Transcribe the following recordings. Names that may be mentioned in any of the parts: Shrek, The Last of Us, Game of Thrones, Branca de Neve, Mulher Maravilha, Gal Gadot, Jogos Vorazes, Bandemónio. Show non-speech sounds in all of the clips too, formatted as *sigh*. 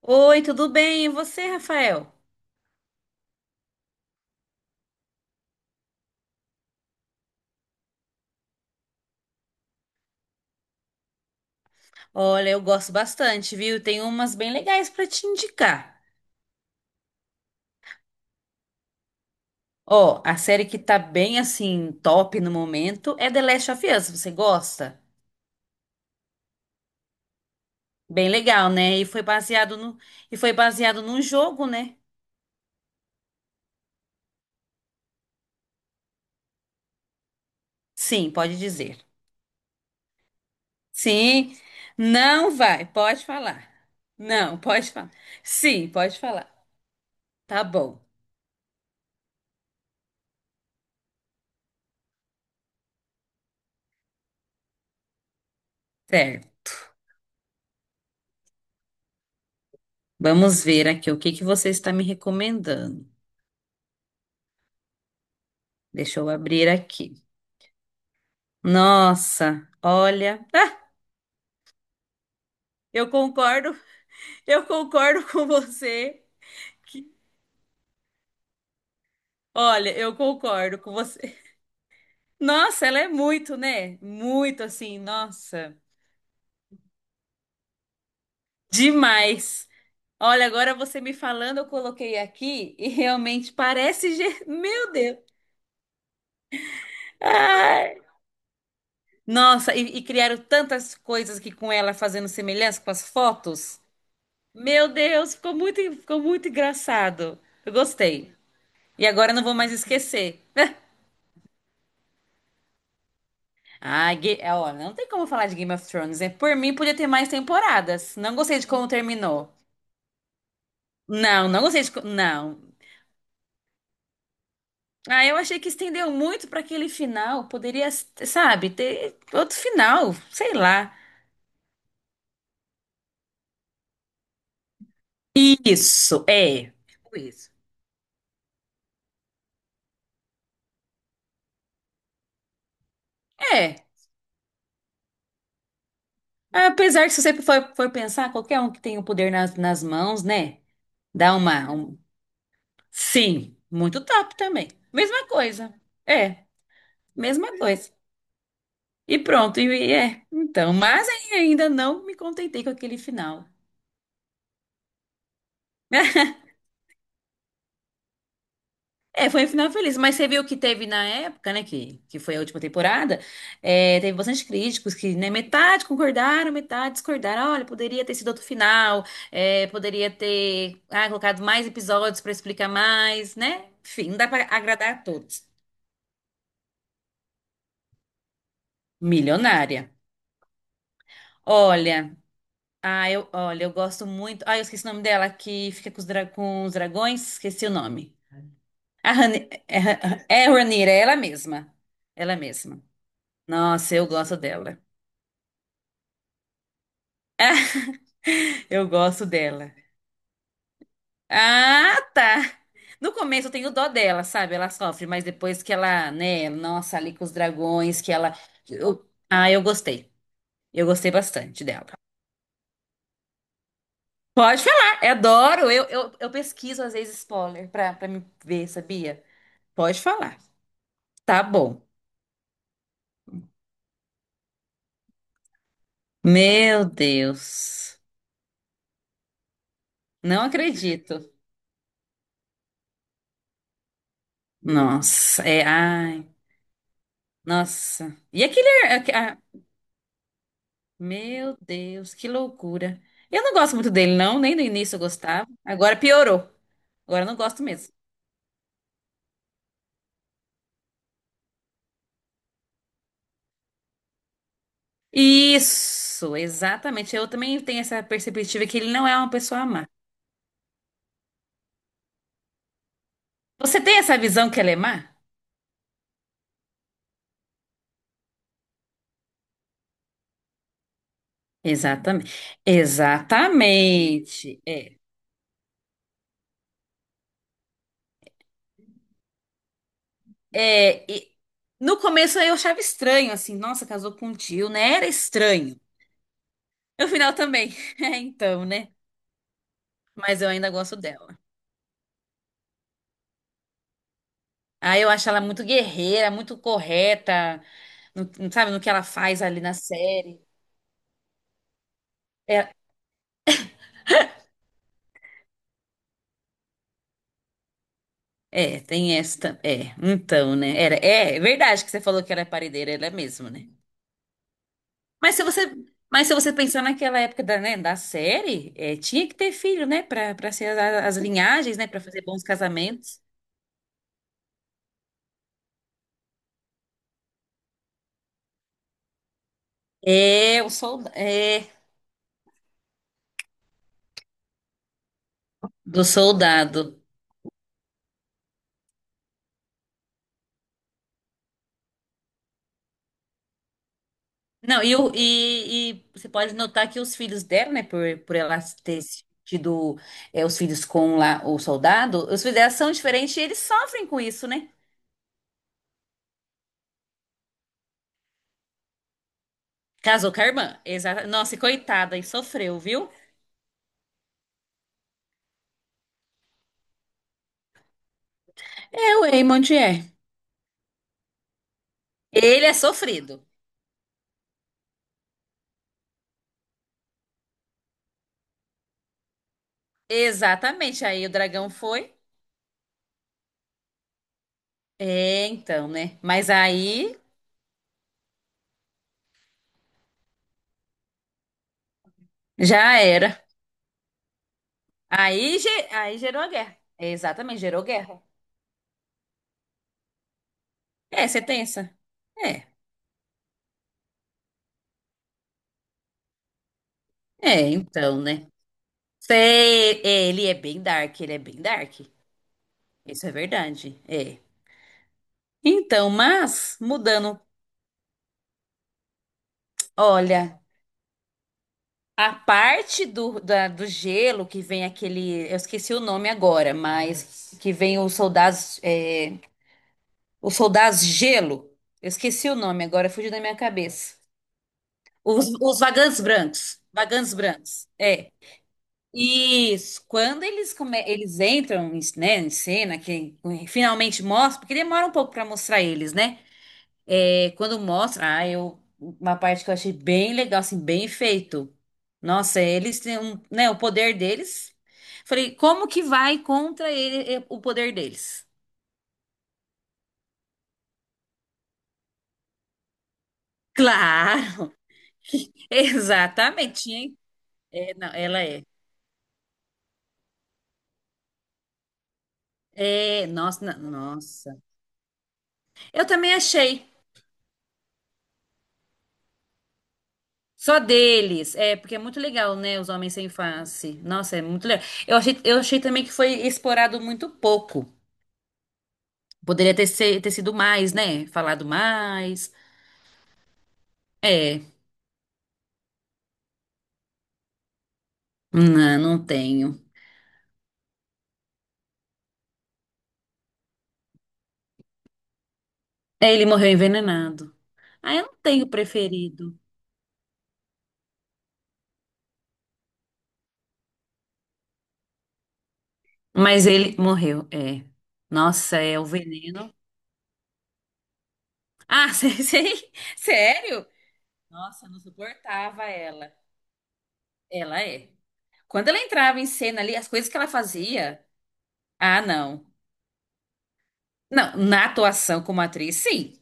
Oi, tudo bem? E você, Rafael? Olha, eu gosto bastante, viu? Tem umas bem legais pra te indicar. Ó, a série que tá bem assim top no momento é The Last of Us. Você gosta? Bem legal, né? E foi baseado no e foi baseado num jogo, né? Sim, pode dizer. Sim. Não vai, pode falar. Não, pode falar. Sim, pode falar. Tá bom. Certo. Vamos ver aqui o que você está me recomendando. Deixa eu abrir aqui. Nossa, olha, ah, eu concordo, eu concordo *laughs* com você. que- Olha, eu concordo com você. Nossa, ela é muito, né? Muito assim, nossa, demais. Olha, agora você me falando, eu coloquei aqui e realmente parece, *laughs* meu Deus. Ai. Nossa, e criaram tantas coisas aqui com ela fazendo semelhança com as fotos. Meu Deus, ficou muito engraçado. Eu gostei. E agora eu não vou mais esquecer. Ah, ó, não tem como falar de Game of Thrones, né? Por mim, podia ter mais temporadas. Não gostei de como terminou. Não, Não. Ah, eu achei que estendeu muito para aquele final. Poderia, sabe, ter outro final. Sei lá. Isso, é. Tipo isso. É. Apesar que se você for pensar, qualquer um que tem o poder nas mãos, né? Dá uma. um- Sim, muito top também. Mesma coisa. É, mesma coisa. E pronto, e é. Então, mas ainda não me contentei com aquele final. *laughs* É, foi um final feliz, mas você viu que teve na época, né, que foi a última temporada, é, teve bastante críticos que, né, metade concordaram, metade discordaram. Olha, poderia ter sido outro final, é, poderia ter, ah, colocado mais episódios pra explicar mais, né? Enfim, não dá pra agradar a todos. Milionária. Olha, ah, eu, olha, eu gosto muito. Ah, eu esqueci o nome dela, que fica com os, com os dragões, esqueci o nome. A Ranira, é ela mesma. Ela mesma. Nossa, eu gosto dela. *laughs* Eu gosto dela. Ah, tá. No começo eu tenho dó dela, sabe? Ela sofre, mas depois que ela, né? Nossa, ali com os dragões, que ela. Ah, eu gostei. Eu gostei bastante dela. Pode falar, eu adoro. Eu pesquiso às vezes spoiler pra me ver, sabia? Pode falar. Tá bom. Meu Deus. Não acredito. Nossa, é. Ai. Nossa. Ah, meu Deus, que loucura. Eu não gosto muito dele, não. Nem no início eu gostava. Agora piorou. Agora eu não gosto mesmo. Isso, exatamente. Eu também tenho essa perspectiva que ele não é uma pessoa má. Você tem essa visão que ela é má? Exatamente. Exatamente. É. É, e no começo eu achava estranho, assim, nossa, casou com um tio, né? Era estranho. No final também. *laughs* É, então, né? Mas eu ainda gosto dela. Ah, eu acho ela muito guerreira, muito correta, sabe, no que ela faz ali na série. É, é, tem esta. É, então, né? Era, é, é verdade que você falou que ela é paredeira, ela é mesmo, né? Mas se você, mas se você pensar naquela época da, né, da série, é, tinha que ter filho, né? Pra ser as, as linhagens, né? Pra fazer bons casamentos. É, o soldado. É, do soldado. Não, e você pode notar que os filhos dela, né, por ela ter tido é, os filhos com lá o soldado, os filhos dela são diferentes e eles sofrem com isso, né? Casou com a irmã. Exa nossa, e coitada, e sofreu, viu? É, o Eamon de é. Ele é sofrido. Exatamente. Aí o dragão foi. É, então, né? Mas aí já era. Aí gerou a guerra. É, exatamente, gerou guerra. É, você tem essa? É, é, então, né? Sei, é, ele é bem dark, ele é bem dark. Isso é verdade. É. Então, mas mudando, olha, a parte do, do gelo que vem aquele, eu esqueci o nome agora, mas que vem os soldados, é, os soldados gelo. Eu esqueci o nome agora, fugiu da minha cabeça. Os vagantes brancos, vagantes brancos. É. Isso, quando eles, eles entram em, né, em cena, que eh, finalmente mostra, porque demora um pouco para mostrar eles, né? É, quando mostra, ah, eu, uma parte que eu achei bem legal, assim, bem feito. Nossa, eles têm um, né, o poder deles. Falei, como que vai contra ele, eh, o poder deles? Claro, *laughs* exatamente. É, não, ela é. É, nossa, nossa. Eu também achei. Só deles. É, porque é muito legal, né? Os homens sem face. Nossa, é muito legal. Eu achei também que foi explorado muito pouco. Poderia ter, ter sido mais, né? Falado mais. É, não, não tenho. É, ele morreu envenenado. Ah, eu não tenho preferido. Mas ele morreu, é. Nossa, é o veneno. Ah, *laughs* sei, sei. Sério? Nossa, eu não suportava ela. Ela é. Quando ela entrava em cena ali, as coisas que ela fazia. Ah, não. Não, na atuação como atriz, sim.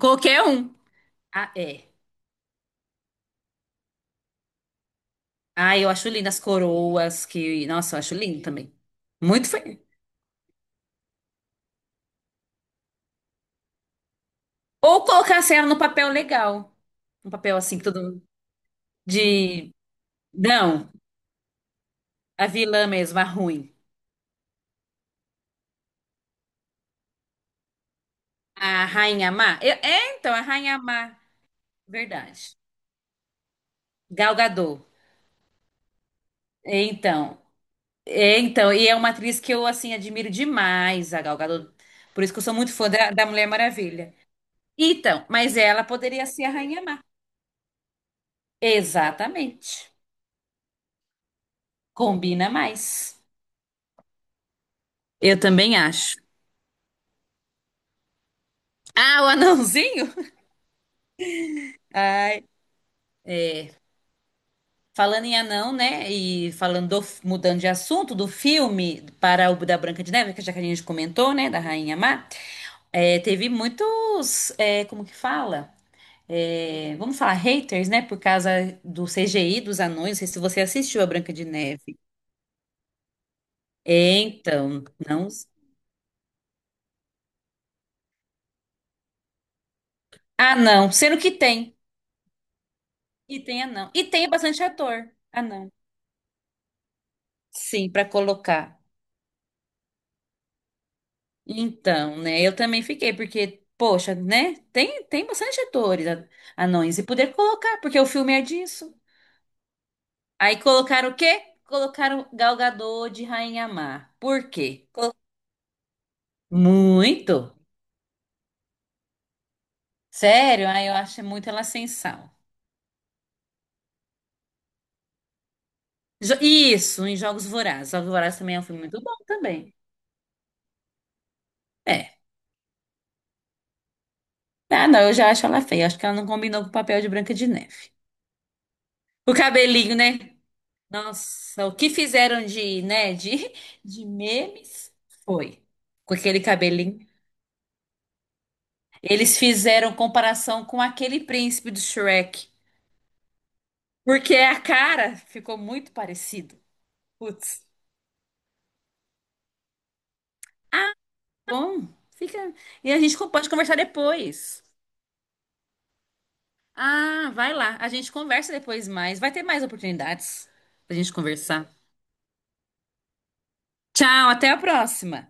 Qualquer um. Ah, é. Ah, eu acho lindo as coroas que. Nossa, eu acho lindo também. Muito feio. Ou colocasse ela no papel legal. Um papel assim que todo mundo. De. Não, a vilã mesmo, a ruim. A Rainha Má. É, então, a Rainha Má. Verdade. Gal Gadot. É, então. É, então. E é uma atriz que eu, assim, admiro demais, a Gal Gadot. Por isso que eu sou muito fã da, da Mulher Maravilha. Então, mas ela poderia ser a Rainha Má. Exatamente. Combina mais. Eu também acho. Ah, o anãozinho? *laughs* Ai. Falando em anão, né? E falando mudando de assunto do filme para o da Branca de Neve, que já que a gente comentou, né? Da Rainha Má, é, teve muitos, é, como que fala? É, vamos falar haters, né? Por causa do CGI dos anões. Não sei se você assistiu a Branca de Neve. É, então, não. Ah, não. Sendo que tem. E tem anão. E tem bastante ator. Ah, não. Sim, para colocar. Então, né? Eu também fiquei, porque, poxa, né? Tem, tem bastante atores anões e poder colocar, porque o filme é disso. Aí colocaram o quê? Colocaram Gal Gadot de Rainha Má. Por quê? Muito. Sério? Aí eu acho muito ela sem sal. Isso, em Jogos Vorazes. Jogos Vorazes também é um filme muito bom também. É. Ah, não, eu já acho ela feia. Acho que ela não combinou com o papel de Branca de Neve. O cabelinho, né? Nossa, o que fizeram de, né, de, *laughs* de memes foi com aquele cabelinho. Eles fizeram comparação com aquele príncipe do Shrek, porque a cara ficou muito parecido. Putz, bom, fica. E a gente pode conversar depois. Ah, vai lá, a gente conversa depois mais. Vai ter mais oportunidades pra gente conversar. Tchau, até a próxima.